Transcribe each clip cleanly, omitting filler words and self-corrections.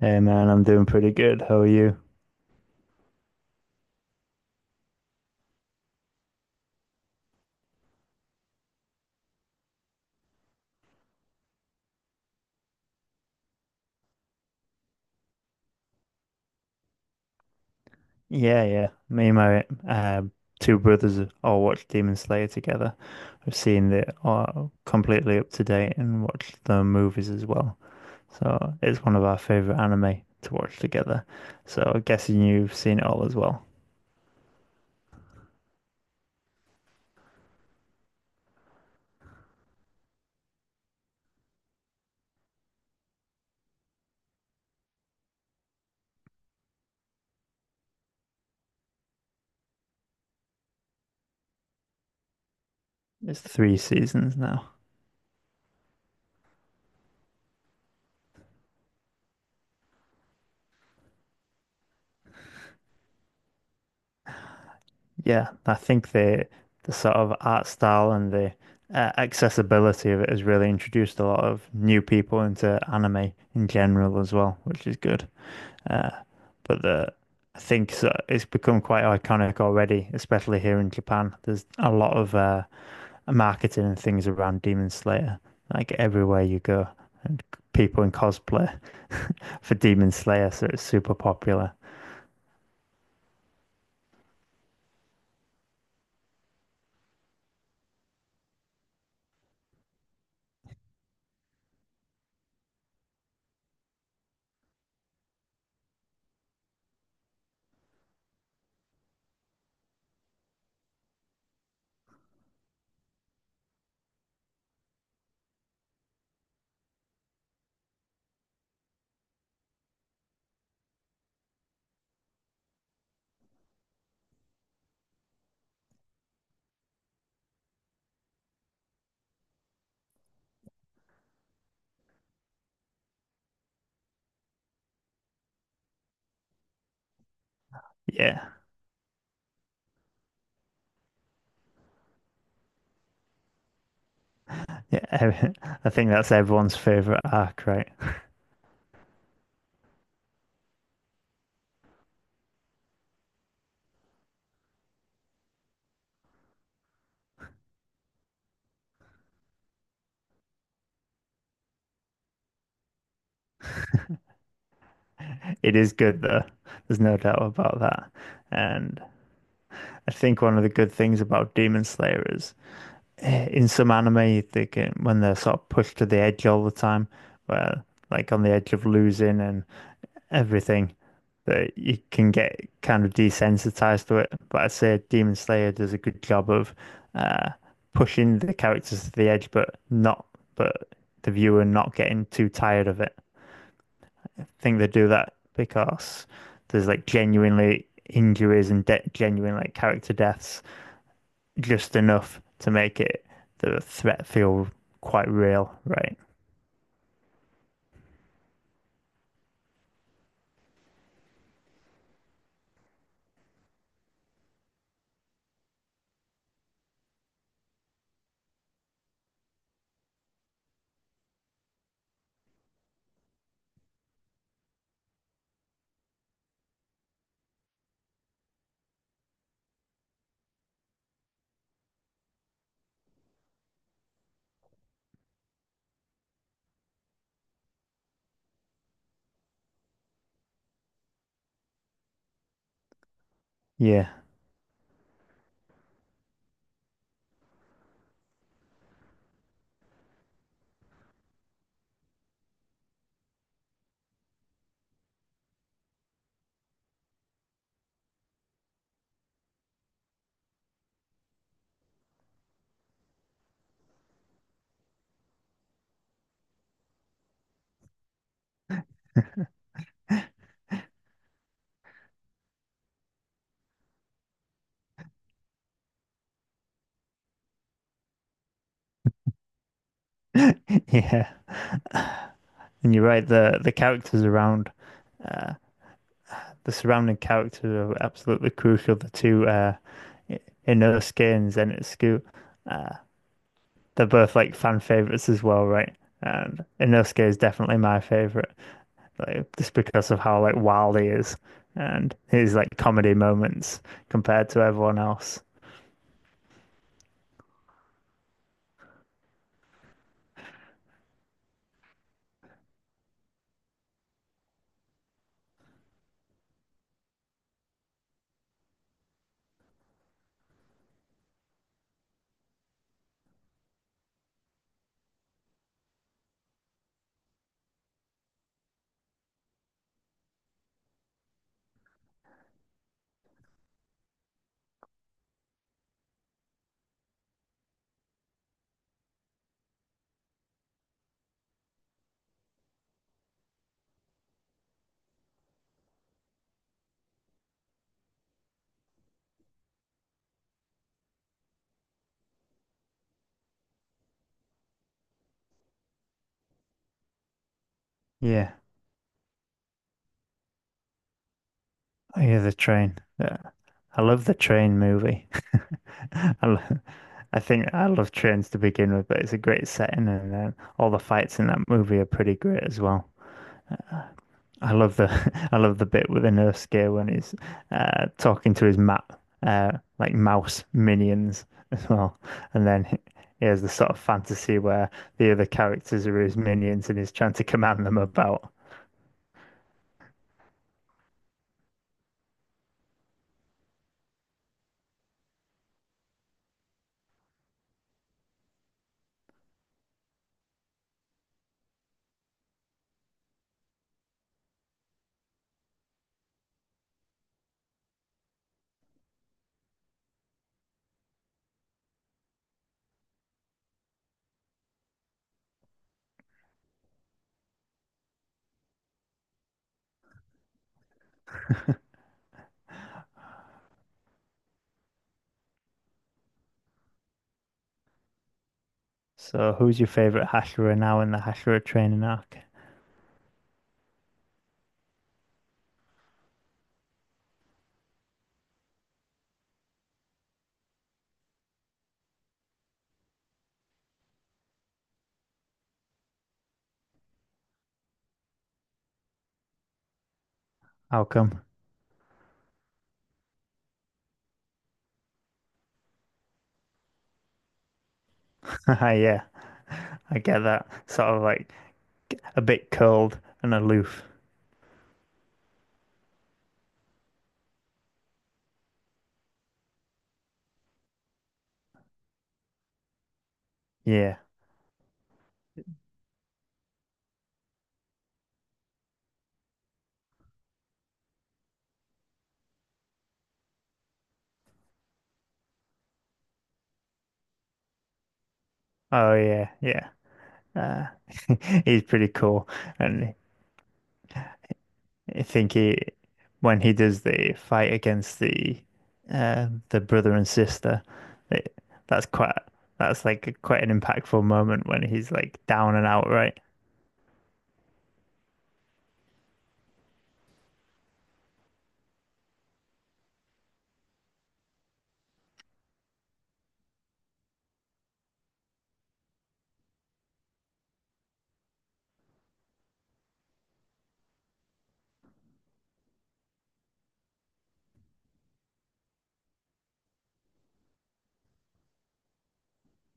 Hey man, I'm doing pretty good. How are you? Yeah, yeah. Me and my two brothers all watched Demon Slayer together. I've seen it all completely up to date and watched the movies as well. So it's one of our favorite anime to watch together. So I'm guessing you've seen it all as well. It's three seasons now. Yeah, I think the sort of art style and the accessibility of it has really introduced a lot of new people into anime in general as well, which is good. Uh, but the I think so, it's become quite iconic already, especially here in Japan. There's a lot of marketing and things around Demon Slayer. Like everywhere you go, people in cosplay for Demon Slayer, so it's super popular. Yeah, yeah. I think that's everyone's favorite arc, right? It is good though. There's no doubt about that. And I think one of the good things about Demon Slayer is in some anime they get when they're sort of pushed to the edge all the time, where like on the edge of losing and everything that you can get kind of desensitized to it. But I'd say Demon Slayer does a good job of uh pushing the characters to the edge, but the viewer not getting too tired of it. I think they do that because there's like genuinely injuries and genuine like character deaths, just enough to make it the threat feel quite real, right? Yeah, yeah. And you're right. The characters around, uh, the surrounding characters are absolutely crucial. The two Inosuke and Zenitsu, uh, they're both like fan favorites as well, right? And Inosuke is definitely my favorite, like just because of how like wild he is and his like comedy moments compared to everyone else. Yeah, I hear the train. Yeah. I love the train movie. I, lo- I think I love trains to begin with, but it's a great setting, and then all the fights in that movie are pretty great as well. I love the I love the bit with the gear when he's talking to his map like mouse minions as well, and then he has the sort of fantasy where the other characters are his minions and he's trying to command them about. So, who's your favorite Hashira now in the Hashira training arc? How come? Yeah. I get that. Sort of like a bit cold and aloof. Yeah. Oh yeah, yeah. Uh, he's pretty cool, and I think he when he does the fight against the brother and sister, it, that's quite that's like quite an impactful moment when he's like down and out, right?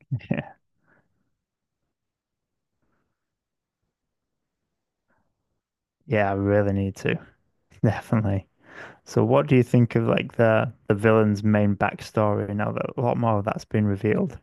Yeah. Yeah, I really need to. Definitely. So what do you think of like the villain's main backstory now that a lot more of that's been revealed?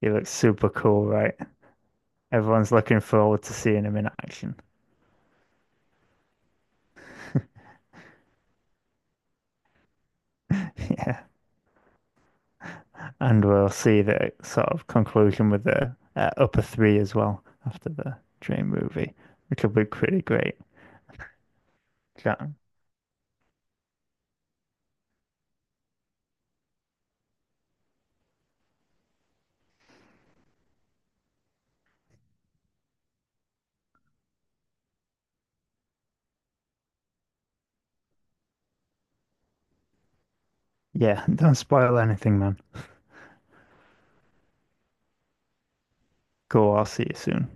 He looks super cool, right? Everyone's looking forward to seeing him in action. yeah. And we'll see the sort of conclusion with the upper three as well after the Dream movie, which will be pretty great. Yeah. Yeah, don't spoil anything, man. Cool, I'll see you soon.